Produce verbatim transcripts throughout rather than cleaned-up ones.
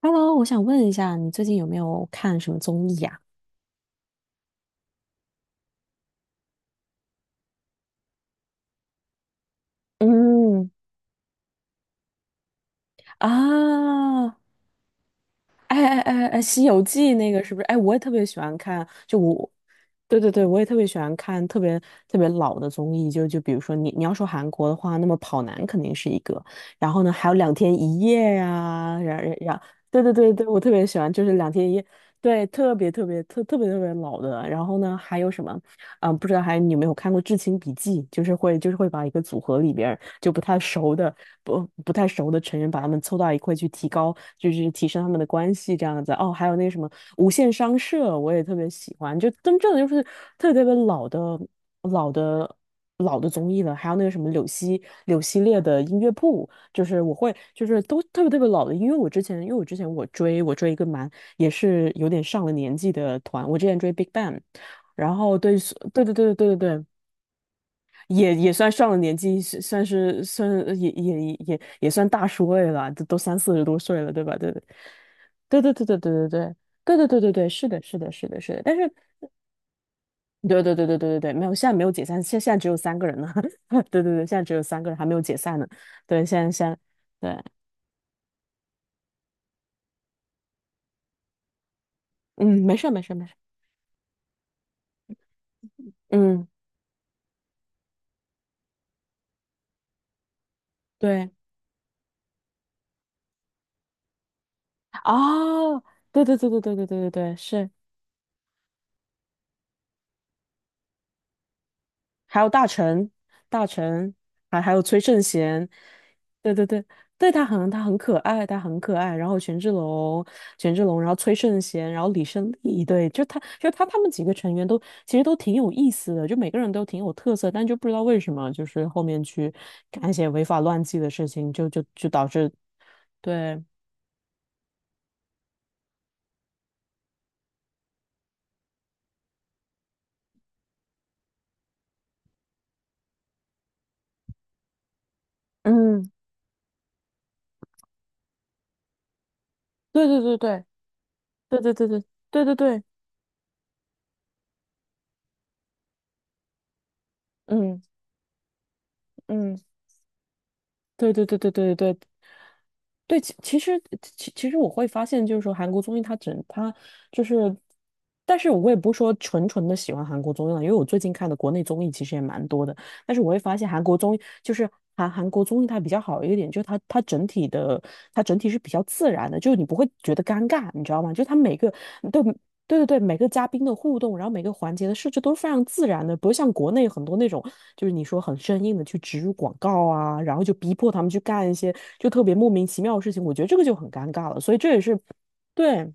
Hello，我想问一下，你最近有没有看什么综艺呀？嗯，啊？哎哎哎哎，《西游记》那个是不是？哎，我也特别喜欢看，就我，对对对，我也特别喜欢看特别特别老的综艺，就就比如说你你要说韩国的话，那么《跑男》肯定是一个，然后呢还有《两天一夜》呀，然然然，对对对对，我特别喜欢，就是《两天一夜》，对，特别特别特特别特别老的，然后呢还有什么？嗯，不知道还你有没有看过《至亲笔记》，就是会就是会把一个组合里边儿就不太熟的不不太熟的成员，把他们凑到一块去提高，就是提升他们的关系这样子。哦，还有那个什么《无限商社》，我也特别喜欢，就真正的就是特别特别老的老的。老的综艺了，还有那个什么柳溪柳溪列的音乐铺，就是我会，就是都特别特别老的，因为我之前，因为我之前我追我追一个蛮也是有点上了年纪的团，我之前追 Big Bang,然后对，是对对对对对对，也也算上了年纪，是算是算也也也也也算大叔位了，都都三四十多岁了，对吧？对对对对对对对对对对对对对对，是的，是的，是的，是的，但是对对对对对对对，没有，现在没有解散，现现在只有三个人呢。对对对，现在只有三个人还没有解散呢，对，现在现在对，嗯，没事儿没事儿没事儿，嗯，对，哦，对对对对对对对对对，是。还有大臣，大臣，还还有崔圣贤，对对对，对他很他很可爱，他很可爱。然后权志龙，权志龙，然后崔圣贤，然后李胜利，对，就他就他他们几个成员都其实都挺有意思的，就每个人都挺有特色，但就不知道为什么就是后面去干一些违法乱纪的事情，就就就导致对，嗯，对对对对对对对对对对对，嗯嗯。对对对对对对，对，其其实其其实我会发现，就是说韩国综艺它整它就是，但是我也不是说纯纯的喜欢韩国综艺了，因为我最近看的国内综艺其实也蛮多的，但是我会发现韩国综艺就是韩韩国综艺它比较好一点，就是它它整体的它整体是比较自然的，就是你不会觉得尴尬，你知道吗？就它每个，对对对对，每个嘉宾的互动，然后每个环节的设置都是非常自然的，不是像国内很多那种就是你说很生硬的去植入广告啊，然后就逼迫他们去干一些就特别莫名其妙的事情，我觉得这个就很尴尬了。所以这也是，对，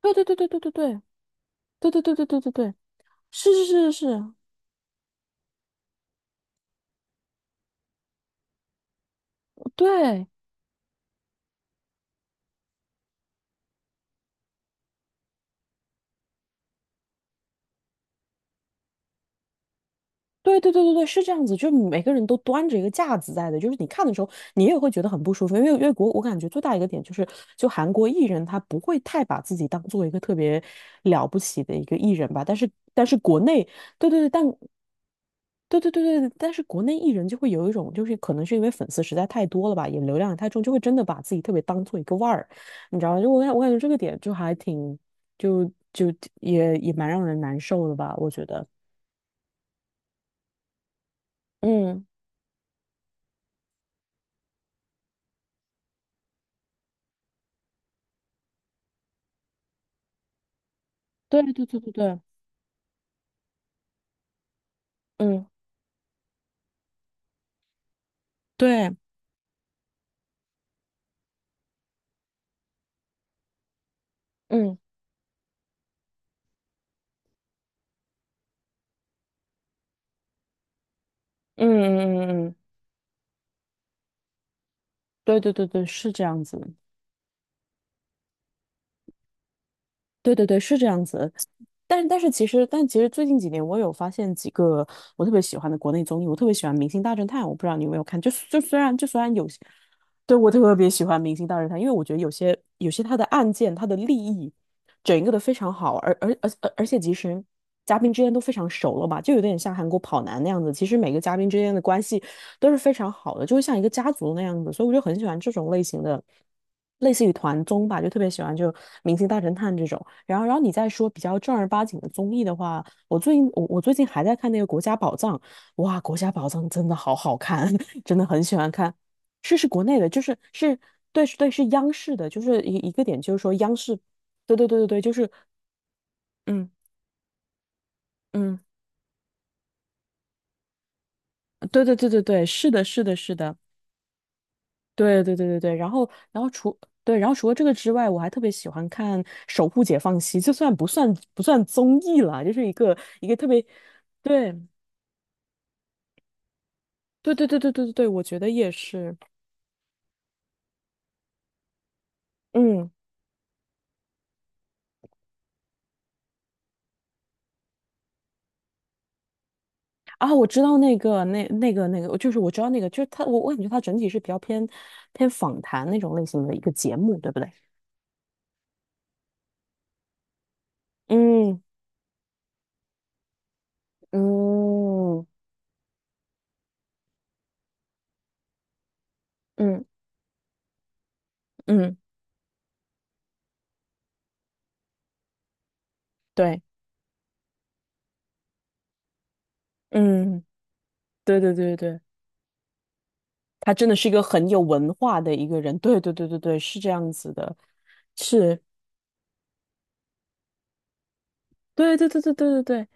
对对对对对对对对对对对对对对，是是是是是，对。对对对对对，是这样子，就是每个人都端着一个架子在的，就是你看的时候，你也会觉得很不舒服，因为因为国我感觉最大一个点就是，就韩国艺人他不会太把自己当做一个特别了不起的一个艺人吧，但是但是国内，对对对，但对对对对，但是国内艺人就会有一种，就是可能是因为粉丝实在太多了吧，也流量也太重，就会真的把自己特别当做一个腕儿，你知道吗？就我感我感觉这个点就还挺，就就也也蛮让人难受的吧，我觉得。嗯，对对对对对，嗯，对，嗯嗯嗯嗯嗯，对对对对，是这样子。对对对，是这样子。但但是其实，但其实最近几年，我有发现几个我特别喜欢的国内综艺，我特别喜欢《明星大侦探》，我不知道你有没有看。就就虽然就虽然有些，对我特别喜欢《明星大侦探》，因为我觉得有些有些他的案件，他的利益，整一个的非常好，而而而而而且其实嘉宾之间都非常熟了吧，就有点像韩国跑男那样子。其实每个嘉宾之间的关系都是非常好的，就会像一个家族那样子，所以我就很喜欢这种类型的，类似于团综吧，就特别喜欢就《明星大侦探》这种。然后，然后你再说比较正儿八经的综艺的话，我最近我我最近还在看那个《国家宝藏》，哇，《国家宝藏》真的好好看，真的很喜欢看。是是国内的，就是是对是对是央视的，就是一一个点就是说央视，对对对对对，就是嗯嗯，对对对对对，是的是的是的。对对对对对，然后然后除对，然后除了这个之外，我还特别喜欢看《守护解放西》，就算不算不算综艺了，就是一个一个特别，对对对对对对对，我觉得也是，嗯啊，我知道那个那那个那个，就是我知道那个，就是他，我我感觉他整体是比较偏偏访谈那种类型的一个节目，对不对？嗯嗯嗯嗯，对，嗯，对对对对。他真的是一个很有文化的一个人，对对对对对，是这样子的，是，对对对对对对对。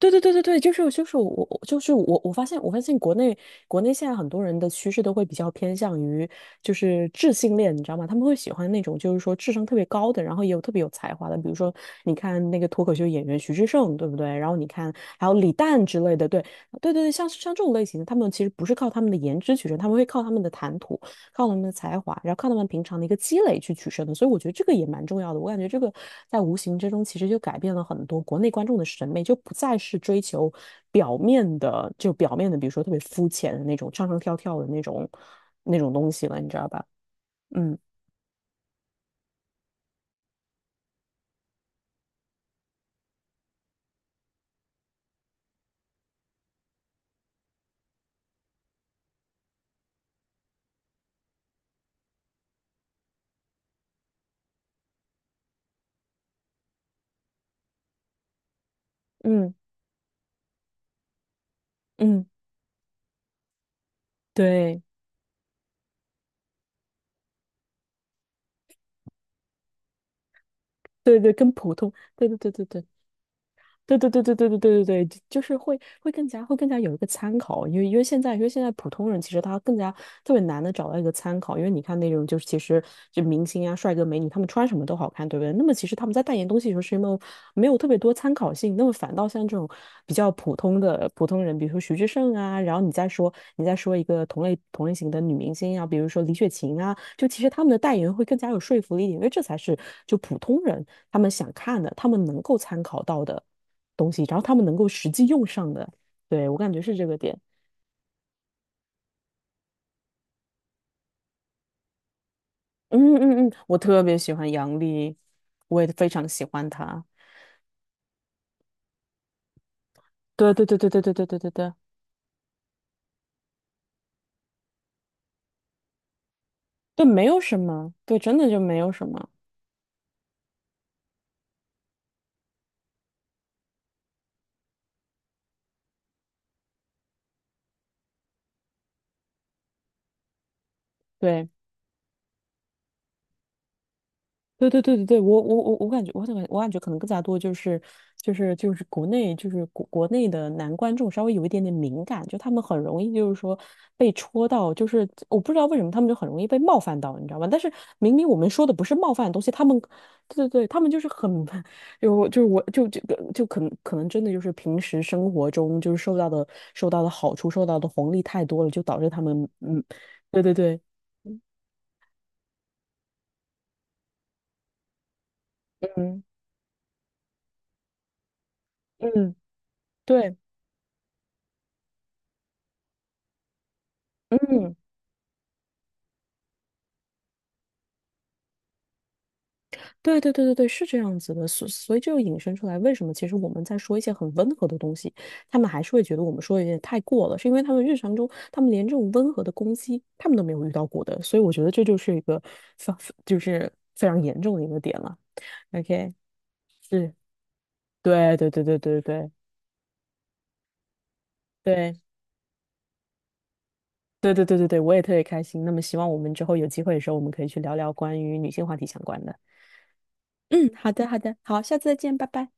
对对对对对，就是就是我我就是我我发现我发现国内国内现在很多人的趋势都会比较偏向于就是智性恋，你知道吗？他们会喜欢那种就是说智商特别高的，然后也有特别有才华的，比如说你看那个脱口秀演员徐志胜，对不对？然后你看还有李诞之类的，对对对对，像像这种类型的，他们其实不是靠他们的颜值取胜，他们会靠他们的谈吐。靠他们的才华，然后靠他们平常的一个积累去取胜的。所以我觉得这个也蛮重要的。我感觉这个在无形之中其实就改变了很多国内观众的审美，就不再是追求表面的，就表面的，比如说特别肤浅的那种唱唱跳跳的那种那种东西了，你知道吧？嗯嗯嗯，对对对，跟普通，对对对对对。对对对对对对对对对，就是会会更加会更加有一个参考，因为因为现在因为现在普通人其实他更加特别难的找到一个参考，因为你看那种就是其实就明星啊、帅哥美女，他们穿什么都好看，对不对？那么其实他们在代言东西的时候是没有没有特别多参考性，那么反倒像这种比较普通的普通人，比如说徐志胜啊，然后你再说你再说一个同类同类型的女明星啊，比如说李雪琴啊，就其实他们的代言会更加有说服力一点，因为这才是就普通人他们想看的，他们能够参考到的东西，然后他们能够实际用上的。对，我感觉是这个点。嗯嗯嗯，我特别喜欢杨笠，我也非常喜欢她。对对对对对对对对对对，对，没有什么，对，真的就没有什么。对。对对对对对，我我我我感觉，我感觉我感觉可能更加多就是就是就是国内就是国国内的男观众稍微有一点点敏感，就他们很容易就是说被戳到，就是我不知道为什么他们就很容易被冒犯到，你知道吗？但是明明我们说的不是冒犯的东西，他们对对对，他们就是很 就就是我就这个就可能可能真的就是平时生活中就是受到的受到的好处受到的红利太多了，就导致他们嗯，对对对，嗯嗯，对，嗯。对对对对对，是这样子的，所所以这就引申出来，为什么其实我们在说一些很温和的东西，他们还是会觉得我们说的有点太过了，是因为他们日常中，他们连这种温和的攻击，他们都没有遇到过的，所以我觉得这就是一个非就是非常严重的一个点了。OK,是，对对对对对对对对对对对对，我也特别开心。那么希望我们之后有机会的时候，我们可以去聊聊关于女性话题相关的。嗯，好的好的，好，下次再见，拜拜。